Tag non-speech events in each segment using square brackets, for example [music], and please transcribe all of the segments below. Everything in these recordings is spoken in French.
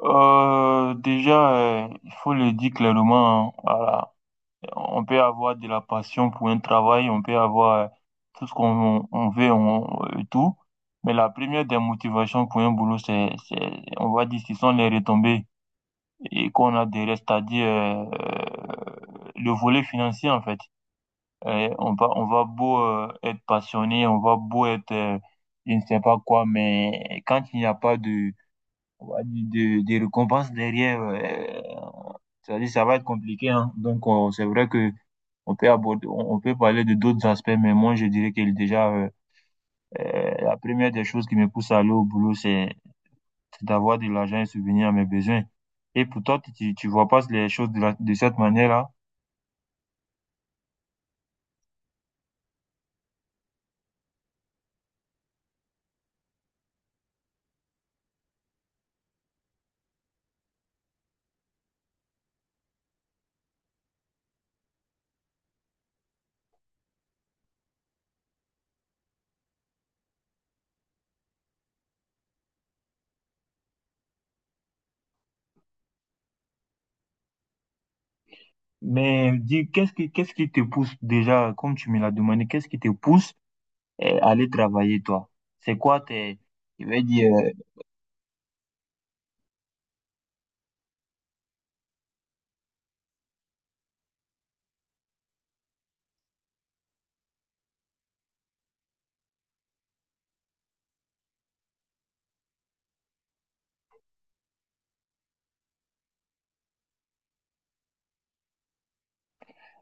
Déjà, il faut le dire clairement, hein, voilà. On peut avoir de la passion pour un travail, on peut avoir tout ce qu'on on veut, on, et tout. Mais la première des motivations pour un boulot, on va dire, ce sont les retombées et qu'on a des restes, c'est-à-dire le volet financier, en fait. On va beau être passionné, on va beau être, je ne sais pas quoi, mais quand il n'y a pas de, on va dire, de récompense derrière. C'est-à-dire, ça va être compliqué, hein. Donc, c'est vrai que on peut aborder, on peut parler de d'autres aspects, mais moi, je dirais que déjà, la première des choses qui me pousse à aller au boulot, c'est d'avoir de l'argent et subvenir à mes besoins. Et pour toi, tu vois pas les choses de cette manière-là? Mais dis, qu'est-ce qui te pousse déjà, comme tu me l'as demandé, qu'est-ce qui te pousse à aller travailler, toi? C'est quoi tes, je vais dire.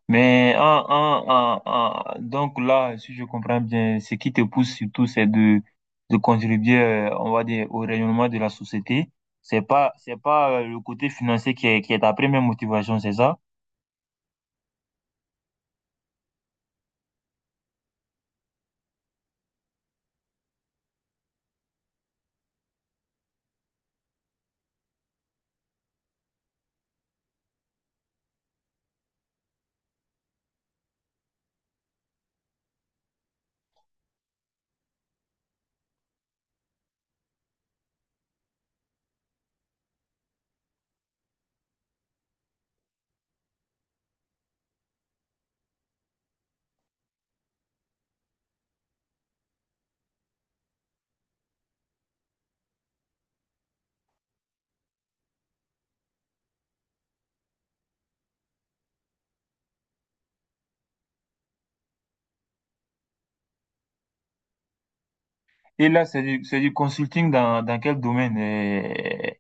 Mais donc là, si je comprends bien, ce qui te pousse surtout, c'est de contribuer, on va dire, au rayonnement de la société. C'est pas le côté financier qui est ta première motivation, c'est ça? Et là, c'est du consulting dans quel domaine?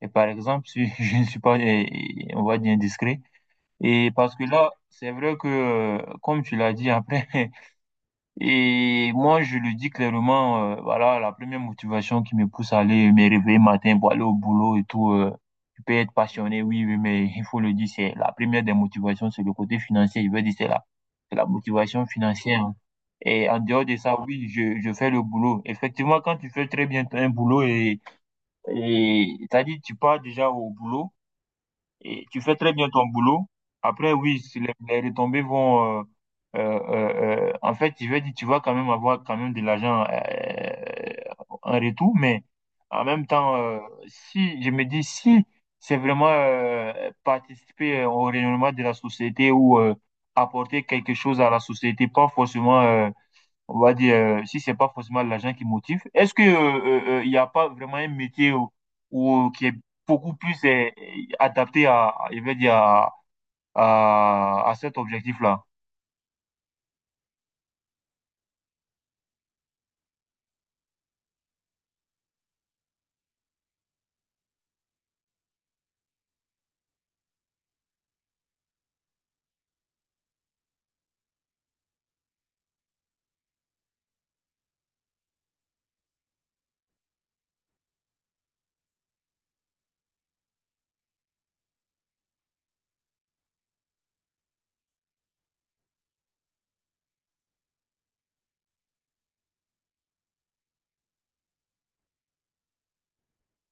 Et, par exemple, si [laughs] je ne suis pas, on va dire, indiscret. Et parce que là, c'est vrai que, comme tu l'as dit, après. [laughs] Et moi, je le dis clairement, voilà, la première motivation qui me pousse à aller me réveiller matin pour aller au boulot et tout, je peux être passionné, oui, oui, mais [laughs] il faut le dire, c'est la première des motivations, c'est le côté financier. Je veux dire, c'est la motivation financière, hein. Et en dehors de ça, oui, je fais le boulot. Effectivement, quand tu fais très bien un boulot c'est-à-dire, tu pars déjà au boulot, et tu fais très bien ton boulot. Après, oui, si les retombées vont en fait, je vais dire, tu vas quand même avoir quand même de l'argent en retour, mais en même temps, si je me dis si c'est vraiment participer au rayonnement de la société ou apporter quelque chose à la société, pas forcément on va dire, si c'est pas forcément l'argent qui motive, est-ce que il n'y a pas vraiment un métier qui est beaucoup plus adapté je vais dire, à cet objectif-là?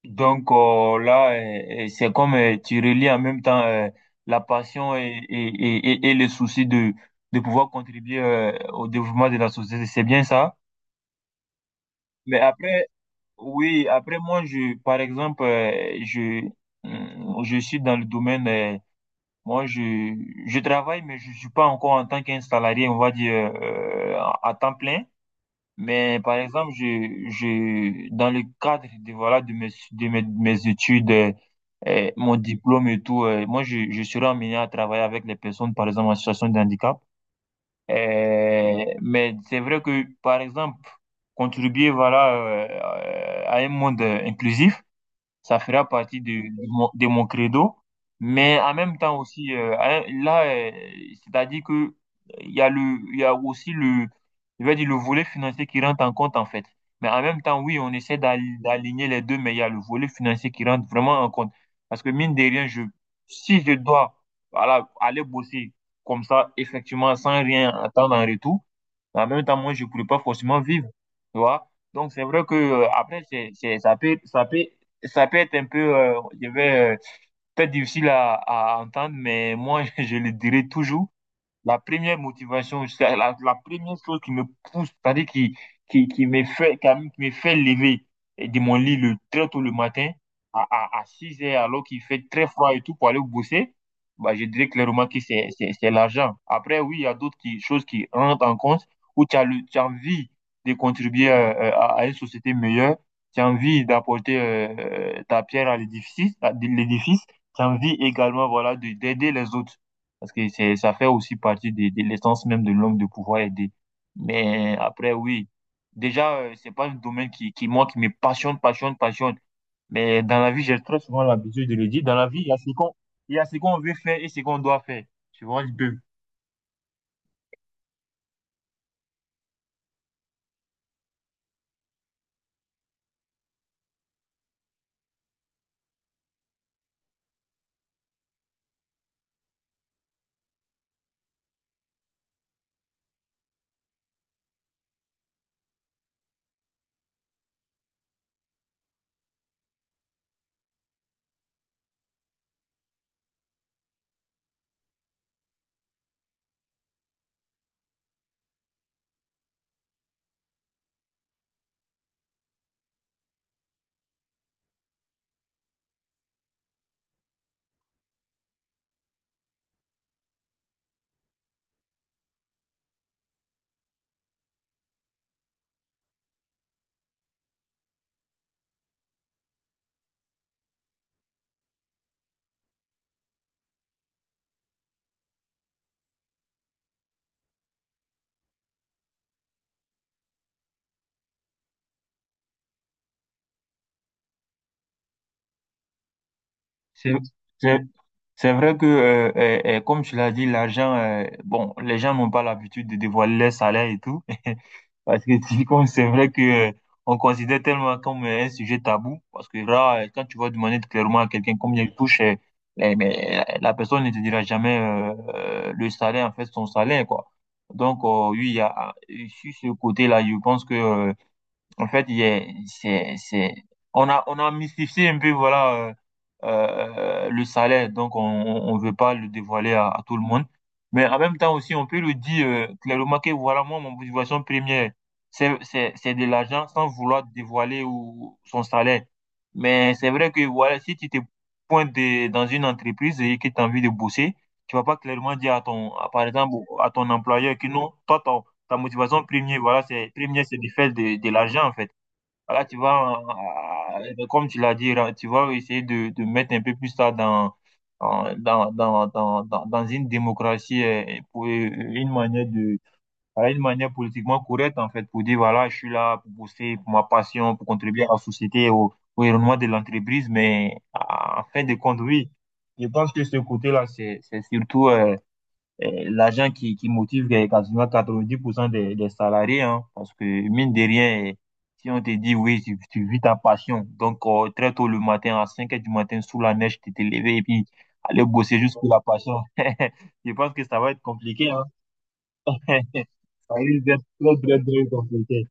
Donc là, c'est comme tu relis en même temps la passion et le souci de pouvoir contribuer au développement de la société. C'est bien ça? Mais après, oui, après moi, par exemple, je suis dans le domaine moi, je travaille, mais je suis pas encore en tant qu'un salarié, on va dire, euh, à temps plein. Mais par exemple, dans le cadre de, voilà, de mes études, mon diplôme et tout, moi, je serai amené à travailler avec les personnes, par exemple, en situation de handicap. Mais c'est vrai que, par exemple, contribuer, voilà, à un monde inclusif, ça fera partie de mon credo. Mais en même temps aussi, hein, là, c'est-à-dire que il y a le, il y a aussi le, je vais dire le volet financier qui rentre en compte en fait. Mais en même temps, oui, on essaie d'aligner les deux, mais il y a le volet financier qui rentre vraiment en compte. Parce que mine de rien, si je dois, voilà, aller bosser comme ça, effectivement, sans rien attendre en retour, en même temps, moi, je ne pourrais pas forcément vivre, tu vois. Donc, c'est vrai que après, ça peut être un peu, peut-être difficile à entendre, mais moi, [laughs] je le dirai toujours. La première motivation, la première chose qui me pousse, c'est-à-dire qui me fait lever de mon lit très tôt le matin, à 6 heures, alors qu'il fait très froid et tout, pour aller bosser, bah, je dirais clairement que c'est l'argent. Après, oui, il y a d'autres choses qui rentrent en compte, où tu as envie de contribuer à une société meilleure, tu as envie d'apporter ta pierre à l'édifice, tu as envie également, voilà, d'aider les autres. Parce que ça fait aussi partie de l'essence même de l'homme de pouvoir aider. Mais après, oui. Déjà, c'est pas un domaine moi, qui me passionne, passionne, passionne. Mais dans la vie, j'ai très souvent l'habitude de le dire. Dans la vie, il y a ce qu'on veut faire et ce qu'on doit faire. Tu vois, je peux. C'est, c'est, c'est vrai que, comme tu l'as dit, l'argent, bon, les gens n'ont pas l'habitude de dévoiler leur salaire et tout. [laughs] Parce que [laughs] typiquement, c'est vrai que euh, on considère tellement comme un sujet tabou. Parce que là, quand tu vas demander clairement à quelqu'un combien il touche, mais, la personne ne te dira jamais le salaire, en fait, son salaire, quoi. Donc, oui, sur ce côté-là, je pense que en fait, on a mystifié un peu, voilà, le salaire. Donc, on veut pas le dévoiler à tout le monde. Mais en même temps aussi, on peut le dire clairement que voilà, moi, mon motivation première, c'est de l'argent sans vouloir dévoiler ou son salaire. Mais c'est vrai que voilà, si tu te pointes dans une entreprise et que tu as envie de bosser, tu vas pas clairement dire par exemple, à ton employeur que non, toi, ta motivation première, voilà, c'est première, c'est de faire de l'argent en fait. Voilà, comme tu l'as dit, là, tu vas essayer de mettre un peu plus ça dans dans une démocratie pour une manière de voilà, une manière politiquement correcte en fait pour dire voilà, je suis là pour bosser pour ma passion, pour contribuer à la société au développement de l'entreprise, mais en fin de compte, oui, je pense que ce côté-là, c'est surtout l'agent qui motive quasiment 90% des salariés, hein, parce que mine de rien, eh, si on te dit oui, tu vis ta passion, donc très tôt le matin, à 5 heures du matin, sous la neige, tu t'es levé et puis aller bosser juste pour la passion, [laughs] je pense que ça va être compliqué. Hein. [laughs] Ça risque d'être très, très, très compliqué.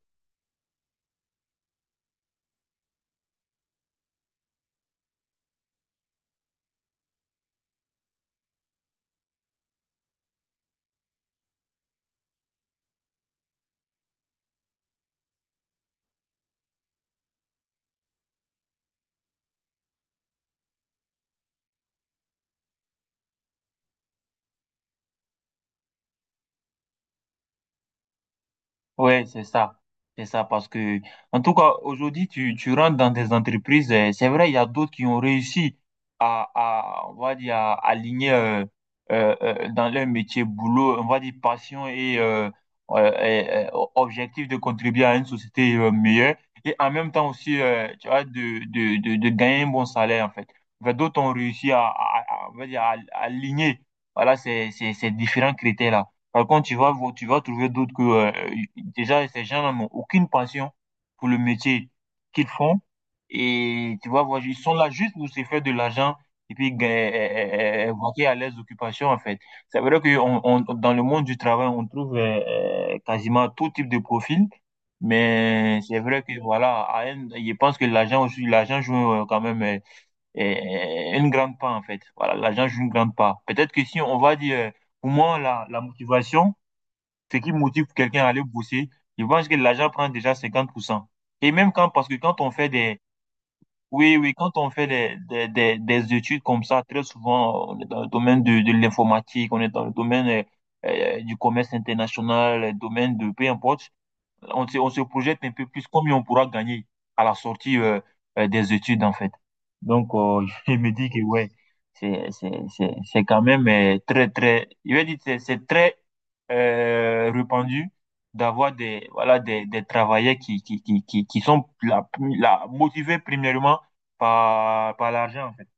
Ouais, c'est ça. C'est ça parce que, en tout cas, aujourd'hui, tu rentres dans des entreprises. C'est vrai, il y a d'autres qui ont réussi on va dire, à aligner dans leur métier, boulot, on va dire, passion et, objectif de contribuer à une société meilleure. Et en même temps aussi, tu vois, de gagner un bon salaire, en fait. Enfin, d'autres ont réussi on va dire, à aligner, voilà, ces différents critères-là. Par contre, tu vas trouver d'autres que, déjà, ces gens-là n'ont aucune passion pour le métier qu'ils font. Et tu vas voir, ils sont là juste pour se faire de l'argent et puis gagner, vaquer à leurs occupations, en fait. C'est vrai que dans le monde du travail, on trouve quasiment tout type de profil. Mais c'est vrai que, voilà, je pense que l'argent aussi, l'argent joue quand même une grande part, en fait. Voilà, l'argent joue une grande part. Peut-être que si on va dire, pour moi, la motivation, ce qui motive quelqu'un à aller bosser, je pense que l'agent prend déjà 50%. Et même quand, parce que quand on fait des, oui, oui, quand on fait des, des études comme ça, très souvent, on est dans le domaine de l'informatique, on est dans le domaine du commerce international, le domaine de, peu importe on se projette un peu plus combien on pourra gagner à la sortie des études, en fait. Donc, [laughs] je me dis que, ouais, c'est quand même très, très, je vais dire, c'est très répandu d'avoir des, voilà, des travailleurs qui sont motivés premièrement par l'argent, en fait.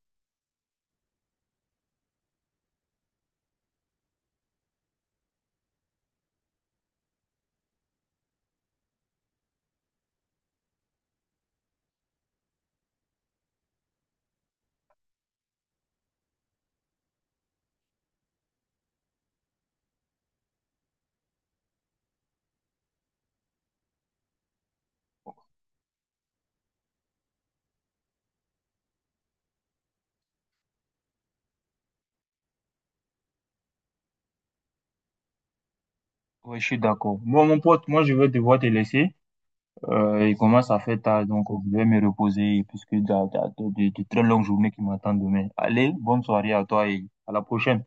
Ouais, je suis d'accord. Bon, mon pote, moi, je vais devoir te laisser. Il commence à faire tard, donc je vais me reposer puisque il y a de très longues journées qui m'attendent demain. Allez, bonne soirée à toi et à la prochaine.